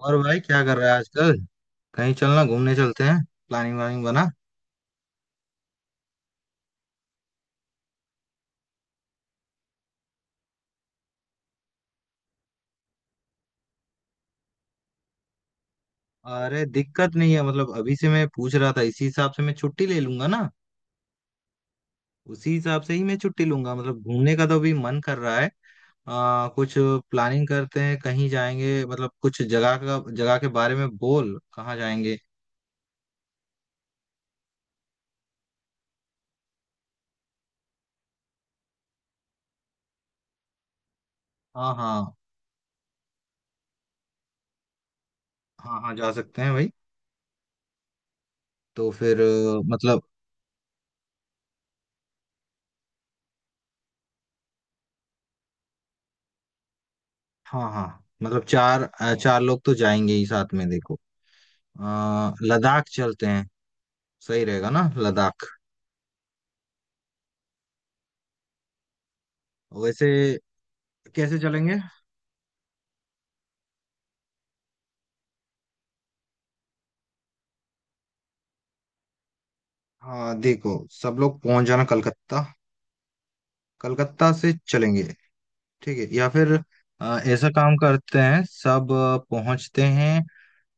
और भाई क्या कर रहा है आजकल। कहीं चलना, घूमने चलते हैं। प्लानिंग वानिंग बना। अरे दिक्कत नहीं है, मतलब अभी से मैं पूछ रहा था, इसी हिसाब से मैं छुट्टी ले लूंगा ना। उसी हिसाब से ही मैं छुट्टी लूंगा, मतलब घूमने का तो अभी मन कर रहा है। कुछ प्लानिंग करते हैं, कहीं जाएंगे, मतलब कुछ जगह का, जगह के बारे में बोल, कहाँ जाएंगे। हाँ हाँ। हाँ हाँ, जा सकते हैं भाई। तो फिर मतलब, हाँ हाँ मतलब चार चार लोग तो जाएंगे ही साथ में। देखो, लद्दाख चलते हैं। सही रहेगा ना लद्दाख। वैसे कैसे चलेंगे। हाँ देखो, सब लोग पहुंच जाना कलकत्ता। कलकत्ता से चलेंगे। ठीक है, या फिर ऐसा काम करते हैं, सब पहुंचते हैं,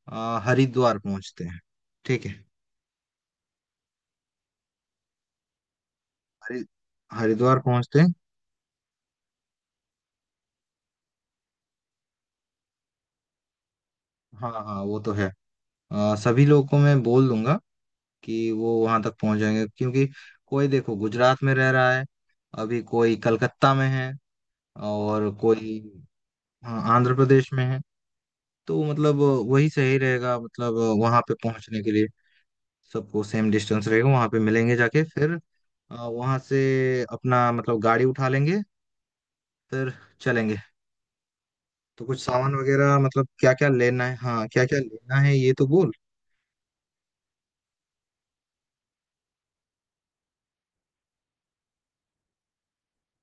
हरिद्वार पहुंचते हैं। ठीक है। हरि हरिद्वार पहुंचते हैं। हाँ हाँ वो तो है। सभी लोगों को मैं बोल दूंगा कि वो वहां तक पहुंच जाएंगे, क्योंकि कोई देखो गुजरात में रह रहा है, अभी कोई कलकत्ता में है, और कोई, हाँ, आंध्र प्रदेश में है। तो मतलब वही सही रहेगा, मतलब वहां पे पहुंचने के लिए सबको सेम डिस्टेंस रहेगा। वहां पे मिलेंगे, जाके फिर वहां से अपना मतलब गाड़ी उठा लेंगे, फिर चलेंगे। तो कुछ सामान वगैरह मतलब क्या क्या लेना है, हाँ क्या क्या लेना है ये तो बोल।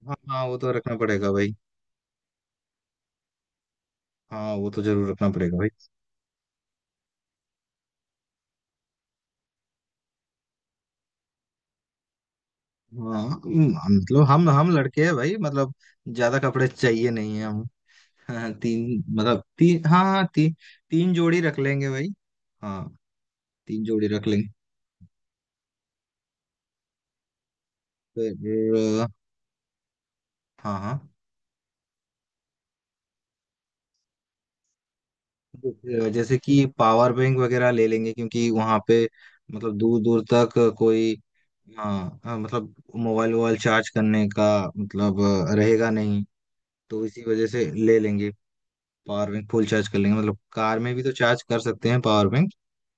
हाँ हाँ वो तो रखना पड़ेगा भाई। हाँ वो तो जरूर रखना पड़ेगा भाई। हाँ। मतलब हम लड़के हैं भाई, मतलब ज्यादा कपड़े चाहिए नहीं है हम। हाँ, तीन मतलब तीन, हाँ हाँ तीन जोड़ी रख लेंगे भाई। हाँ, तीन जोड़ी रख लेंगे। फिर हाँ हाँ। तो फिर, जैसे कि पावर बैंक वगैरह ले लेंगे, क्योंकि वहां पे मतलब दूर दूर तक कोई, हाँ हाँ, मतलब मोबाइल वोबाइल चार्ज करने का मतलब रहेगा नहीं, तो इसी वजह से ले लेंगे। पावर बैंक फुल चार्ज कर लेंगे, मतलब कार में भी तो चार्ज कर सकते हैं पावर बैंक।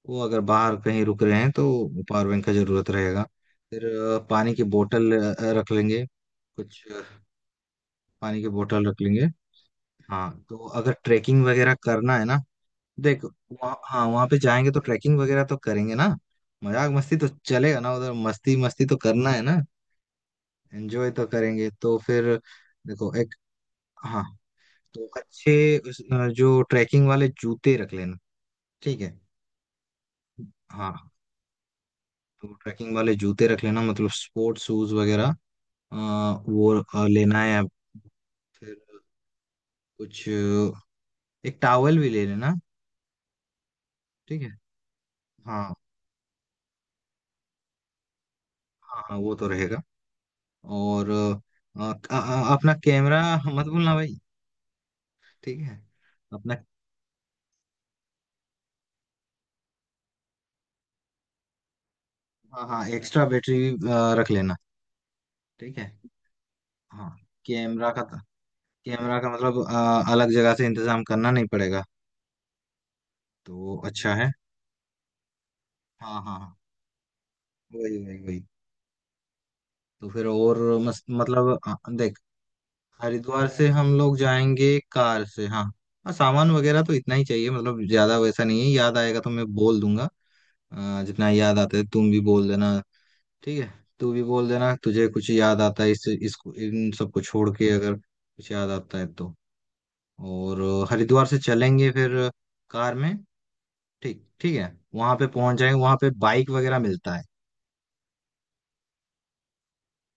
वो अगर बाहर कहीं रुक रहे हैं तो पावर बैंक का जरूरत रहेगा। फिर पानी की बोतल रख लेंगे, कुछ पानी की बोतल रख लेंगे। हाँ तो अगर ट्रैकिंग वगैरह करना है ना। देख वहाँ, हाँ वहाँ पे जाएंगे तो ट्रैकिंग वगैरह तो करेंगे ना। मजाक मस्ती तो चलेगा ना उधर, मस्ती मस्ती तो करना है ना। एंजॉय तो करेंगे तो फिर। देखो एक, हाँ, तो अच्छे उस- जो ट्रैकिंग वाले जूते रख लेना। ठीक है। हाँ, तो ट्रैकिंग वाले जूते रख लेना, मतलब स्पोर्ट्स शूज वगैरह, अ, वो लेना है। फिर कुछ एक टावल भी ले लेना। ठीक है। हाँ हाँ, हाँ वो तो रहेगा। और अ, अपना कैमरा मत भूलना भाई। ठीक है। अपना, हाँ हाँ एक्स्ट्रा बैटरी रख लेना। ठीक है। हाँ, कैमरा का। कैमरा का मतलब अलग जगह से इंतजाम करना नहीं पड़ेगा, तो वो अच्छा है। हाँ हाँ हाँ। वही वही वही। तो फिर और, मतलब देख, हरिद्वार से हम लोग जाएंगे कार से, हाँ। हाँ, सामान वगैरह तो इतना ही चाहिए, मतलब ज्यादा वैसा नहीं है, याद आएगा तो मैं बोल दूंगा। जितना याद आता है तुम भी बोल देना। ठीक है। तू भी बोल देना, तुझे कुछ याद आता है इस, इसको, इन सबको छोड़ के अगर कुछ याद आता है तो। और, हरिद्वार से चलेंगे फिर कार में। ठीक, ठीक है। वहां पे पहुंच जाएंगे, वहां पे बाइक वगैरह मिलता है।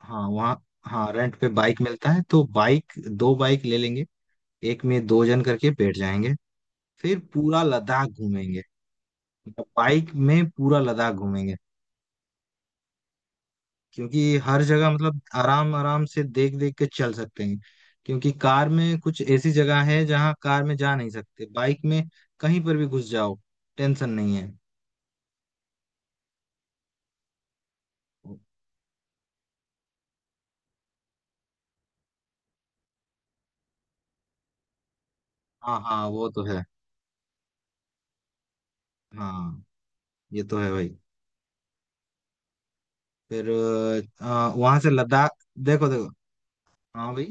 हाँ वहाँ, हाँ रेंट पे बाइक मिलता है, तो बाइक दो बाइक ले लेंगे। एक में दो जन करके बैठ जाएंगे, फिर पूरा लद्दाख घूमेंगे, मतलब बाइक में पूरा लद्दाख घूमेंगे। क्योंकि हर जगह मतलब आराम आराम से देख देख के चल सकते हैं, क्योंकि कार में कुछ ऐसी जगह है जहाँ कार में जा नहीं सकते, बाइक में कहीं पर भी घुस जाओ, टेंशन नहीं है। हाँ हाँ वो तो है। हाँ ये तो है भाई। फिर वहां से लद्दाख। देखो देखो, हाँ भाई,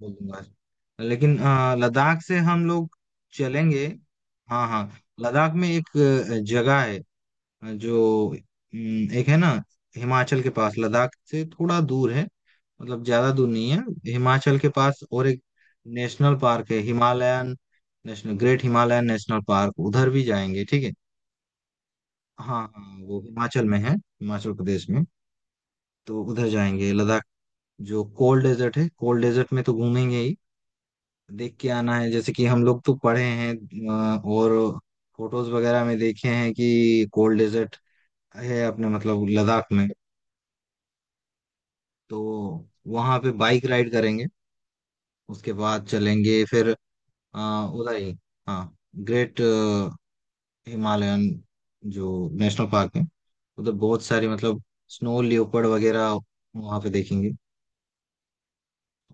बोलूंगा। लेकिन लद्दाख से हम लोग चलेंगे। हाँ हाँ। लद्दाख में एक जगह है, जो एक है ना, हिमाचल के पास, लद्दाख से थोड़ा दूर है, मतलब ज्यादा दूर नहीं है। हिमाचल के पास, और एक नेशनल पार्क है, Himalayan national, great Himalayan national park, उधर भी जाएंगे, ठीक है। हाँ हाँ वो हिमाचल में है, हिमाचल प्रदेश में। तो उधर जाएंगे, लद्दाख जो कोल्ड डेजर्ट है, कोल्ड डेजर्ट में तो घूमेंगे ही, देख के आना है, जैसे कि हम लोग तो पढ़े हैं और फोटोज वगैरह में देखे हैं कि कोल्ड डेजर्ट है अपने मतलब लद्दाख में। तो वहां पे बाइक राइड करेंगे, उसके बाद चलेंगे फिर अ, उधर ही, हाँ, ग्रेट हिमालयन जो नेशनल पार्क है, उधर बहुत सारी मतलब स्नो लियोपर्ड वगैरह वहां पे देखेंगे।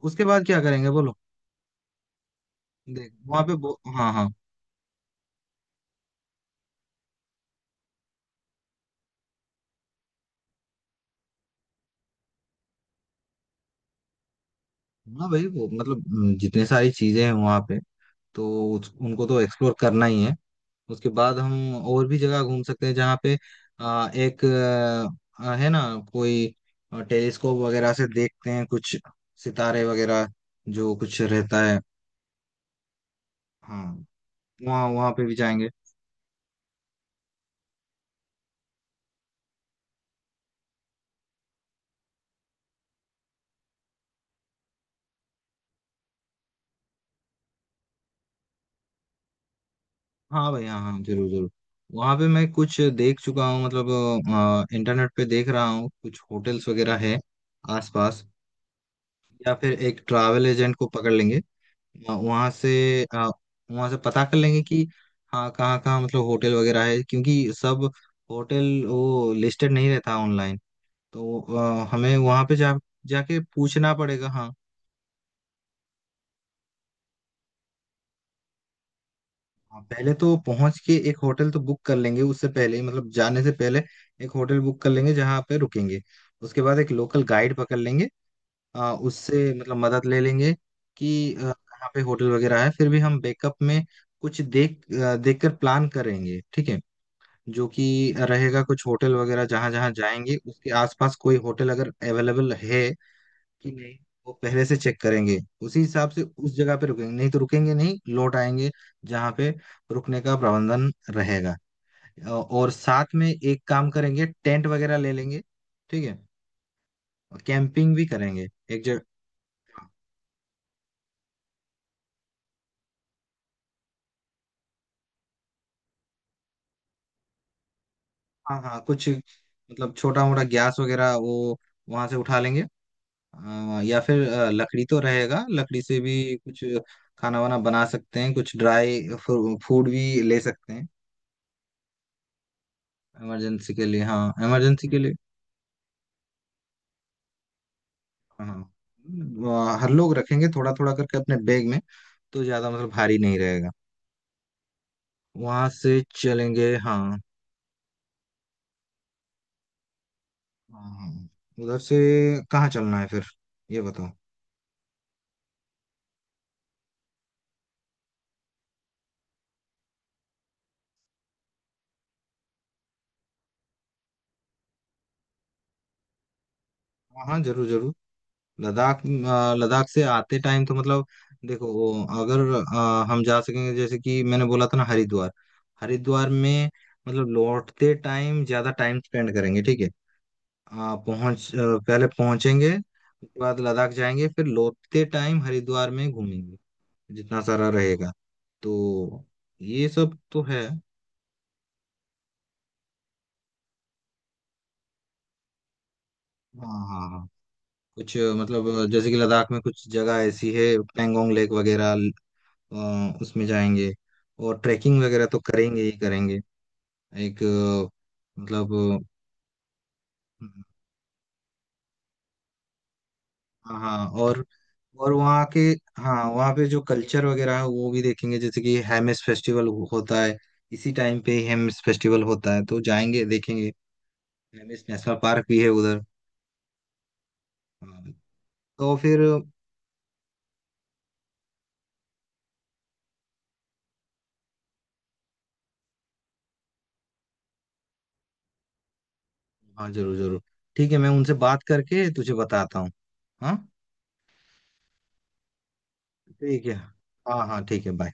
उसके बाद क्या करेंगे बोलो। देख वहां पे हाँ हाँ, हाँ भाई वो मतलब जितने सारी चीजें हैं वहां पे तो उनको तो एक्सप्लोर करना ही है। उसके बाद हम और भी जगह घूम सकते हैं, जहाँ पे एक, है ना कोई, टेलीस्कोप वगैरह से देखते हैं कुछ सितारे वगैरह जो कुछ रहता है। हाँ, वहाँ वहाँ पे भी जाएंगे। हाँ भाई, हाँ हाँ जरूर जरूर। वहाँ पे मैं कुछ देख चुका हूँ, मतलब इंटरनेट पे देख रहा हूँ, कुछ होटल्स वगैरह है आसपास, या फिर एक ट्रैवल एजेंट को पकड़ लेंगे वहां से। आ, वहां से पता कर लेंगे कि हाँ कहाँ कहाँ मतलब होटल वगैरह है, क्योंकि सब होटल वो लिस्टेड नहीं रहता ऑनलाइन। तो हमें वहां पे जा जाके पूछना पड़ेगा, हाँ। हाँ, पहले तो पहुंच के एक होटल तो बुक कर लेंगे, उससे पहले ही मतलब जाने से पहले एक होटल बुक कर लेंगे जहाँ पे रुकेंगे। उसके बाद एक लोकल गाइड पकड़ लेंगे, उससे मतलब मदद ले लेंगे कि कहाँ पे होटल वगैरह है। फिर भी हम बैकअप में कुछ देखकर प्लान करेंगे, ठीक है। जो कि रहेगा कुछ होटल वगैरह, जहां जहां जाएंगे उसके आसपास कोई होटल अगर अवेलेबल है कि नहीं, वो पहले से चेक करेंगे। उसी हिसाब से उस जगह पे रुकेंगे, नहीं तो रुकेंगे नहीं, लौट आएंगे जहां पे रुकने का प्रबंधन रहेगा। और साथ में एक काम करेंगे, टेंट वगैरह ले लेंगे, ठीक है, और कैंपिंग भी करेंगे एक जगह। हाँ हाँ कुछ मतलब छोटा मोटा गैस वगैरह वो वहां से उठा लेंगे। हाँ, या फिर लकड़ी तो रहेगा, लकड़ी से भी कुछ खाना वाना बना सकते हैं, कुछ ड्राई फूड भी ले सकते हैं इमरजेंसी के लिए, हाँ इमरजेंसी के लिए। हाँ वहाँ हर लोग रखेंगे थोड़ा थोड़ा करके अपने बैग में, तो ज्यादा मतलब भारी नहीं रहेगा। वहां से चलेंगे, हाँ, हाँ, हाँ, उधर से कहाँ चलना है फिर, ये बताओ। हाँ हाँ जरूर जरूर। लद्दाख लद्दाख से आते टाइम तो मतलब देखो वो अगर हम जा सकेंगे, जैसे कि मैंने बोला था ना हरिद्वार, हरिद्वार में मतलब लौटते टाइम ज्यादा टाइम स्पेंड करेंगे, ठीक है। अ, पहुंच अ, पहले पहुंचेंगे, उसके बाद लद्दाख जाएंगे, फिर लौटते टाइम हरिद्वार में घूमेंगे, जितना सारा रहेगा। तो ये सब तो है। हाँ हाँ हाँ। कुछ मतलब जैसे कि लद्दाख में कुछ जगह ऐसी है, पेंगोंग लेक वगैरह, उसमें जाएंगे, और ट्रैकिंग वगैरह तो करेंगे ही करेंगे। एक मतलब अ, हाँ हाँ, और वहाँ के, हाँ वहाँ पे जो कल्चर वगैरह है वो भी देखेंगे, जैसे कि हेमिस फेस्टिवल होता है, इसी टाइम पे हेमिस फेस्टिवल होता है तो जाएंगे देखेंगे। हेमिस नेशनल पार्क भी है उधर। हाँ। तो फिर, हाँ जरूर जरूर। ठीक है, मैं उनसे बात करके तुझे बताता हूँ। हाँ। ठीक है, हाँ हाँ ठीक है, बाय।